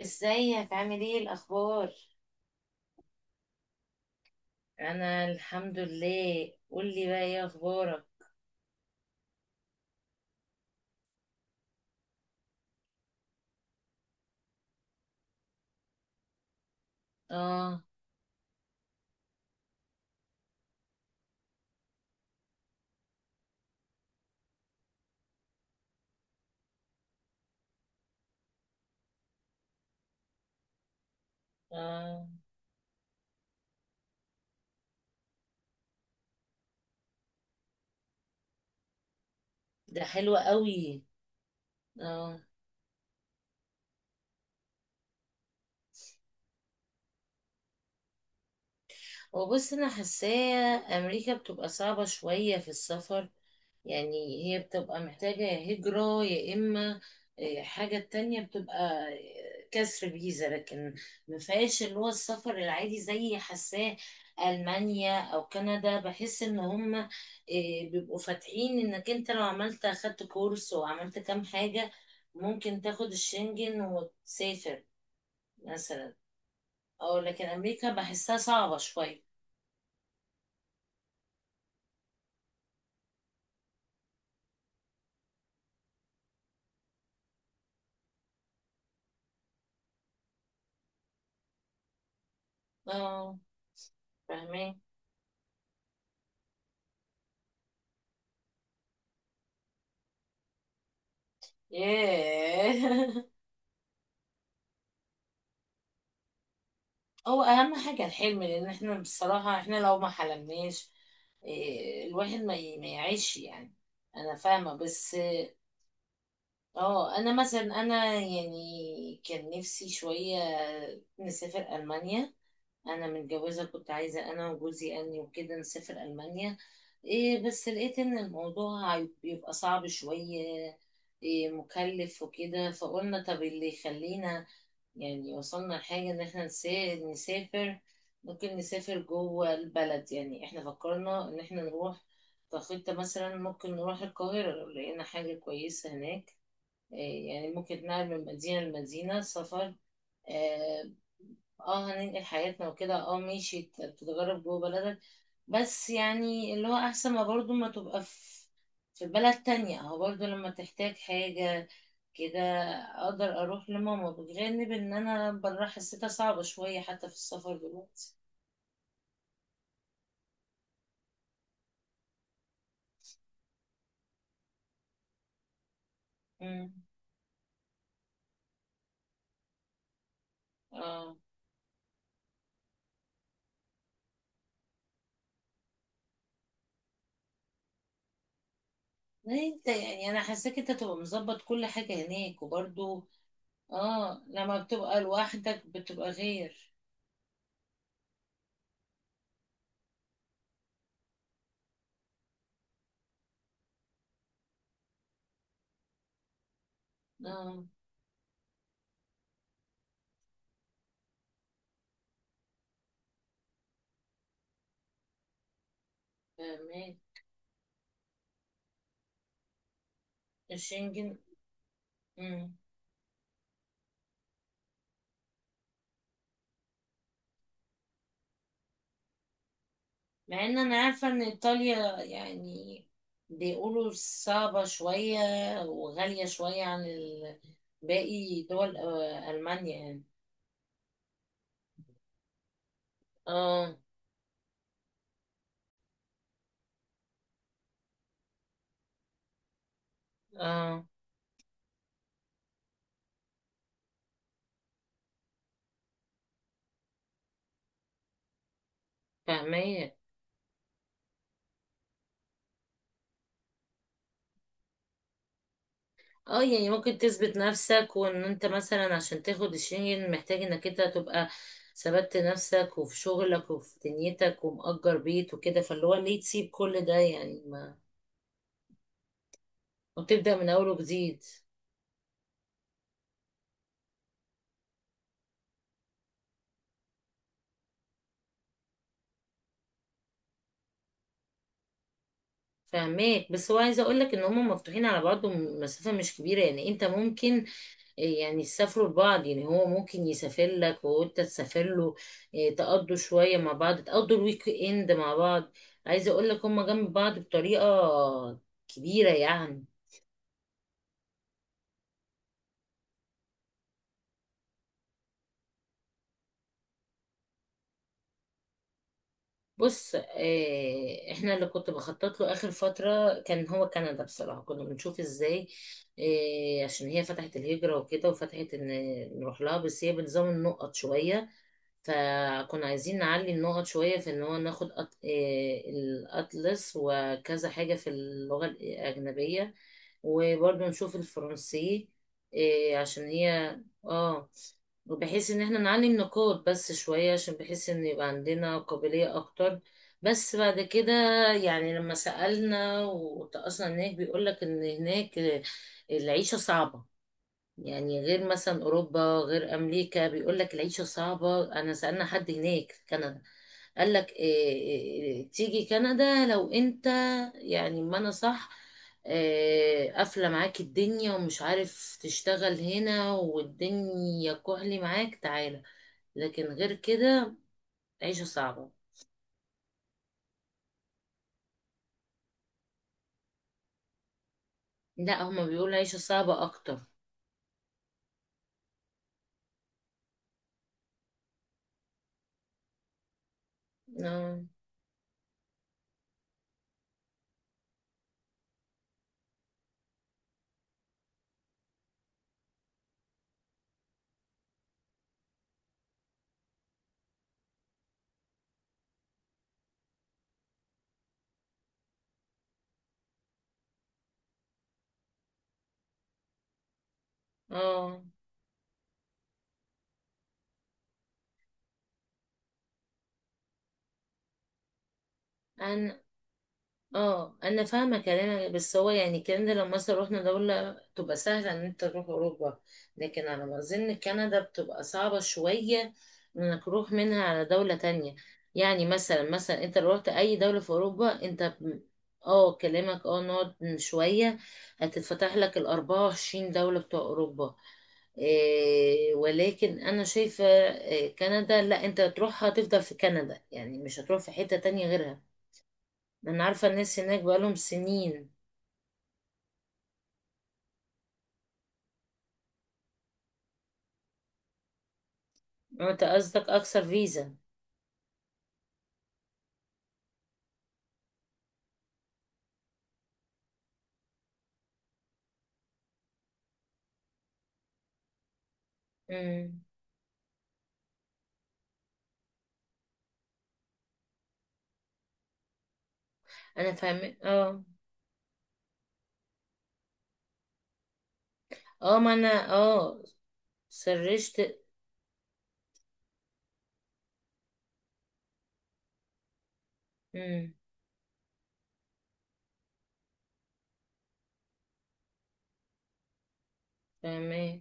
ازيك؟ عامل ايه؟ الاخبار؟ انا الحمد لله. قولي بقى، ايه اخبارك؟ اه. اه، ده حلو قوي. اه. وبص، انا حاساه امريكا بتبقى صعبة شوية في السفر. يعني هي بتبقى محتاجة يا هجرة، يا إما حاجة تانية، بتبقى كسر فيزا. لكن ما فيهاش اللي هو السفر العادي، زي حاساه ألمانيا أو كندا. بحس إن هم بيبقوا فاتحين إنك أنت لو عملت، أخدت كورس وعملت كام حاجة، ممكن تاخد الشنجن وتسافر مثلا. أو لكن أمريكا بحسها صعبة شوية. اه، فاهمين. ياه هو اهم حاجه الحلم، لان احنا بصراحه، احنا لو ما حلمناش إيه، الواحد ما يعيش يعني. انا فاهمه، بس اه. انا مثلا، يعني كان نفسي شويه نسافر المانيا. انا متجوزه، كنت عايزه انا وجوزي اني وكده نسافر المانيا. إيه، بس لقيت ان بيبقى صعب شويه. إيه، مكلف وكده. فقلنا طب اللي يخلينا يعني، وصلنا لحاجة إن إحنا نسافر. ممكن نسافر جوه البلد. يعني إحنا فكرنا إن إحنا نروح كخطة، مثلا ممكن نروح القاهرة لو لقينا حاجة كويسة هناك. إيه يعني، ممكن نتنقل من مدينة لمدينة سفر. آه. آه، هننقل حياتنا وكده. آه ماشي، تتغرب جوه بلدك. بس يعني اللي هو أحسن ما برضو ما تبقى في في بلد تانية، أو برضو لما تحتاج حاجة كده، اقدر اروح لماما. بجانب ان انا بره حسيتها صعبة شوية، حتى في السفر دلوقتي. امم. اه، ليه انت يعني؟ انا حاساك انت تبقى مظبط كل حاجة هناك وبرضو. اه، لما بتبقى لوحدك بتبقى غير. اه، فاهمين. الشنجن. امم. مع ان انا عارفة ان ايطاليا يعني بيقولوا صعبة شوية وغالية شوية عن باقي دول، المانيا يعني. اه. اه، فاهمية. اه، يعني ممكن تثبت نفسك. وان انت مثلا عشان تاخد الشنجن محتاج انك انت تبقى ثبت نفسك، وفي شغلك وفي دنيتك ومأجر بيت وكده، فاللي هو ليه تسيب كل ده يعني ما. وتبدأ من اول وجديد. فاهماك. بس هو عايزه اقول لك ان هم مفتوحين على بعض، مسافه مش كبيره. يعني انت ممكن إيه يعني، يسافروا لبعض. يعني هو ممكن يسافر لك وانت تسافر له. إيه، تقضوا شوية مع بعض، تقضوا الويك اند مع بعض. عايزة اقول لك هما جنب بعض بطريقة كبيرة يعني. بص إيه، احنا اللي كنت بخطط له اخر فترة كان هو كندا. بصراحة كنا بنشوف ازاي إيه، عشان هي فتحت الهجرة وكده، وفتحت ان نروح لها. بس هي بنظام النقط شوية، فكنا عايزين نعلي النقط شوية، في ان هو ناخد أط... آه، الأطلس وكذا حاجة في اللغة الأجنبية. وبرضه نشوف الفرنسي، عشان هي اه. وبحيث ان احنا نعلي النقاط بس شوية، عشان بحيث ان يبقى عندنا قابلية اكتر. بس بعد كده يعني، لما سألنا وتأصلنا هناك، بيقولك ان هناك العيشة صعبة. يعني غير مثلا اوروبا، غير امريكا، بيقول لك العيشه صعبه. انا سالنا حد هناك في كندا، قال لك إيه؟ إيه تيجي كندا؟ لو انت يعني ما انا صح، إيه، قافله معاك الدنيا ومش عارف تشتغل هنا والدنيا كحلي معاك، تعالى. لكن غير كده، عيشه صعبه. لا، هما بيقولوا عيشه صعبه اكتر. اه اه، انا اه، انا فاهمه كلامك. بس هو يعني الكلام ده لو مثلا رحنا دوله، تبقى سهله ان انت تروح اوروبا. لكن على ما اظن كندا بتبقى صعبه شويه انك تروح منها على دوله تانية. يعني مثلا، انت لو رحت اي دوله في اوروبا انت كلامك. اه نقعد شويه. هتتفتح لك ال 24 دوله بتوع اوروبا. إيه، ولكن انا شايفه إيه، كندا لا، انت تروحها تفضل في كندا، يعني مش هتروح في حته تانية غيرها. انا عارفه الناس هناك بقالهم سنين. انت قصدك اكثر فيزا؟ امم. انا فاهم اه. اه، ما انا اه، سرشت. امم. فاهمه.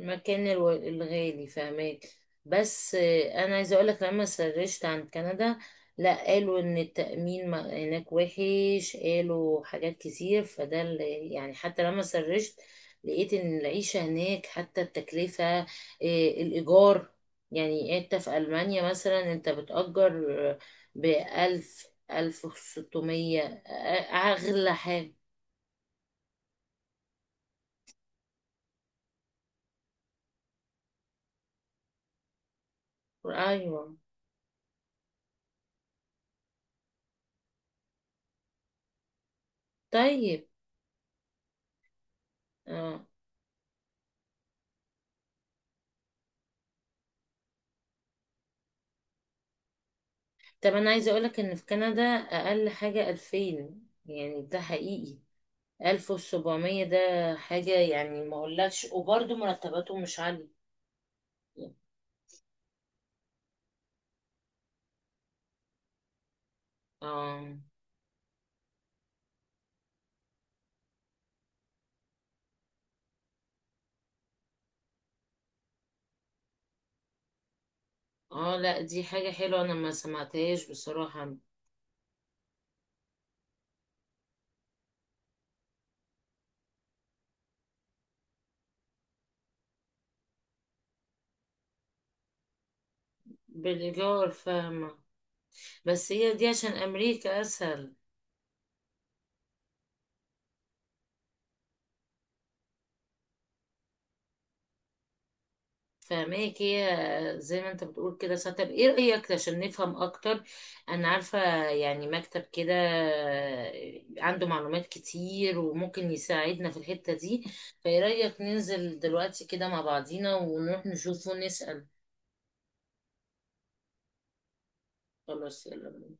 المكان الغالي، فهماك. بس انا عايزه اقولك، لما سرشت عن كندا، لا، قالوا ان التأمين هناك وحش. قالوا حاجات كتير، فده يعني حتى لما سرشت، لقيت ان العيشة هناك حتى التكلفة الإيجار. يعني انت في ألمانيا مثلا انت بتأجر بألف، ألف وستمية، أغلى حاجة. أيوة. طيب. اه، طب انا عايزه اقولك ان في كندا اقل حاجه 2000، يعني ده حقيقي. 1700 ده حاجه يعني ما اقولكش. وبرضه مرتباتهم مش عاليه. اه اه، لا دي حاجه حلوه، انا ما سمعتهاش بصراحه. بالايجار فاهمه. بس هي دي عشان امريكا اسهل. فاهماك، هي زي ما انت بتقول كده ساعة. طب ايه رأيك عشان نفهم اكتر؟ انا عارفة يعني مكتب كده عنده معلومات كتير، وممكن يساعدنا في الحتة دي. فايه رأيك ننزل دلوقتي كده مع بعضينا، ونروح نشوفه ونسأل؟ خلاص يلا.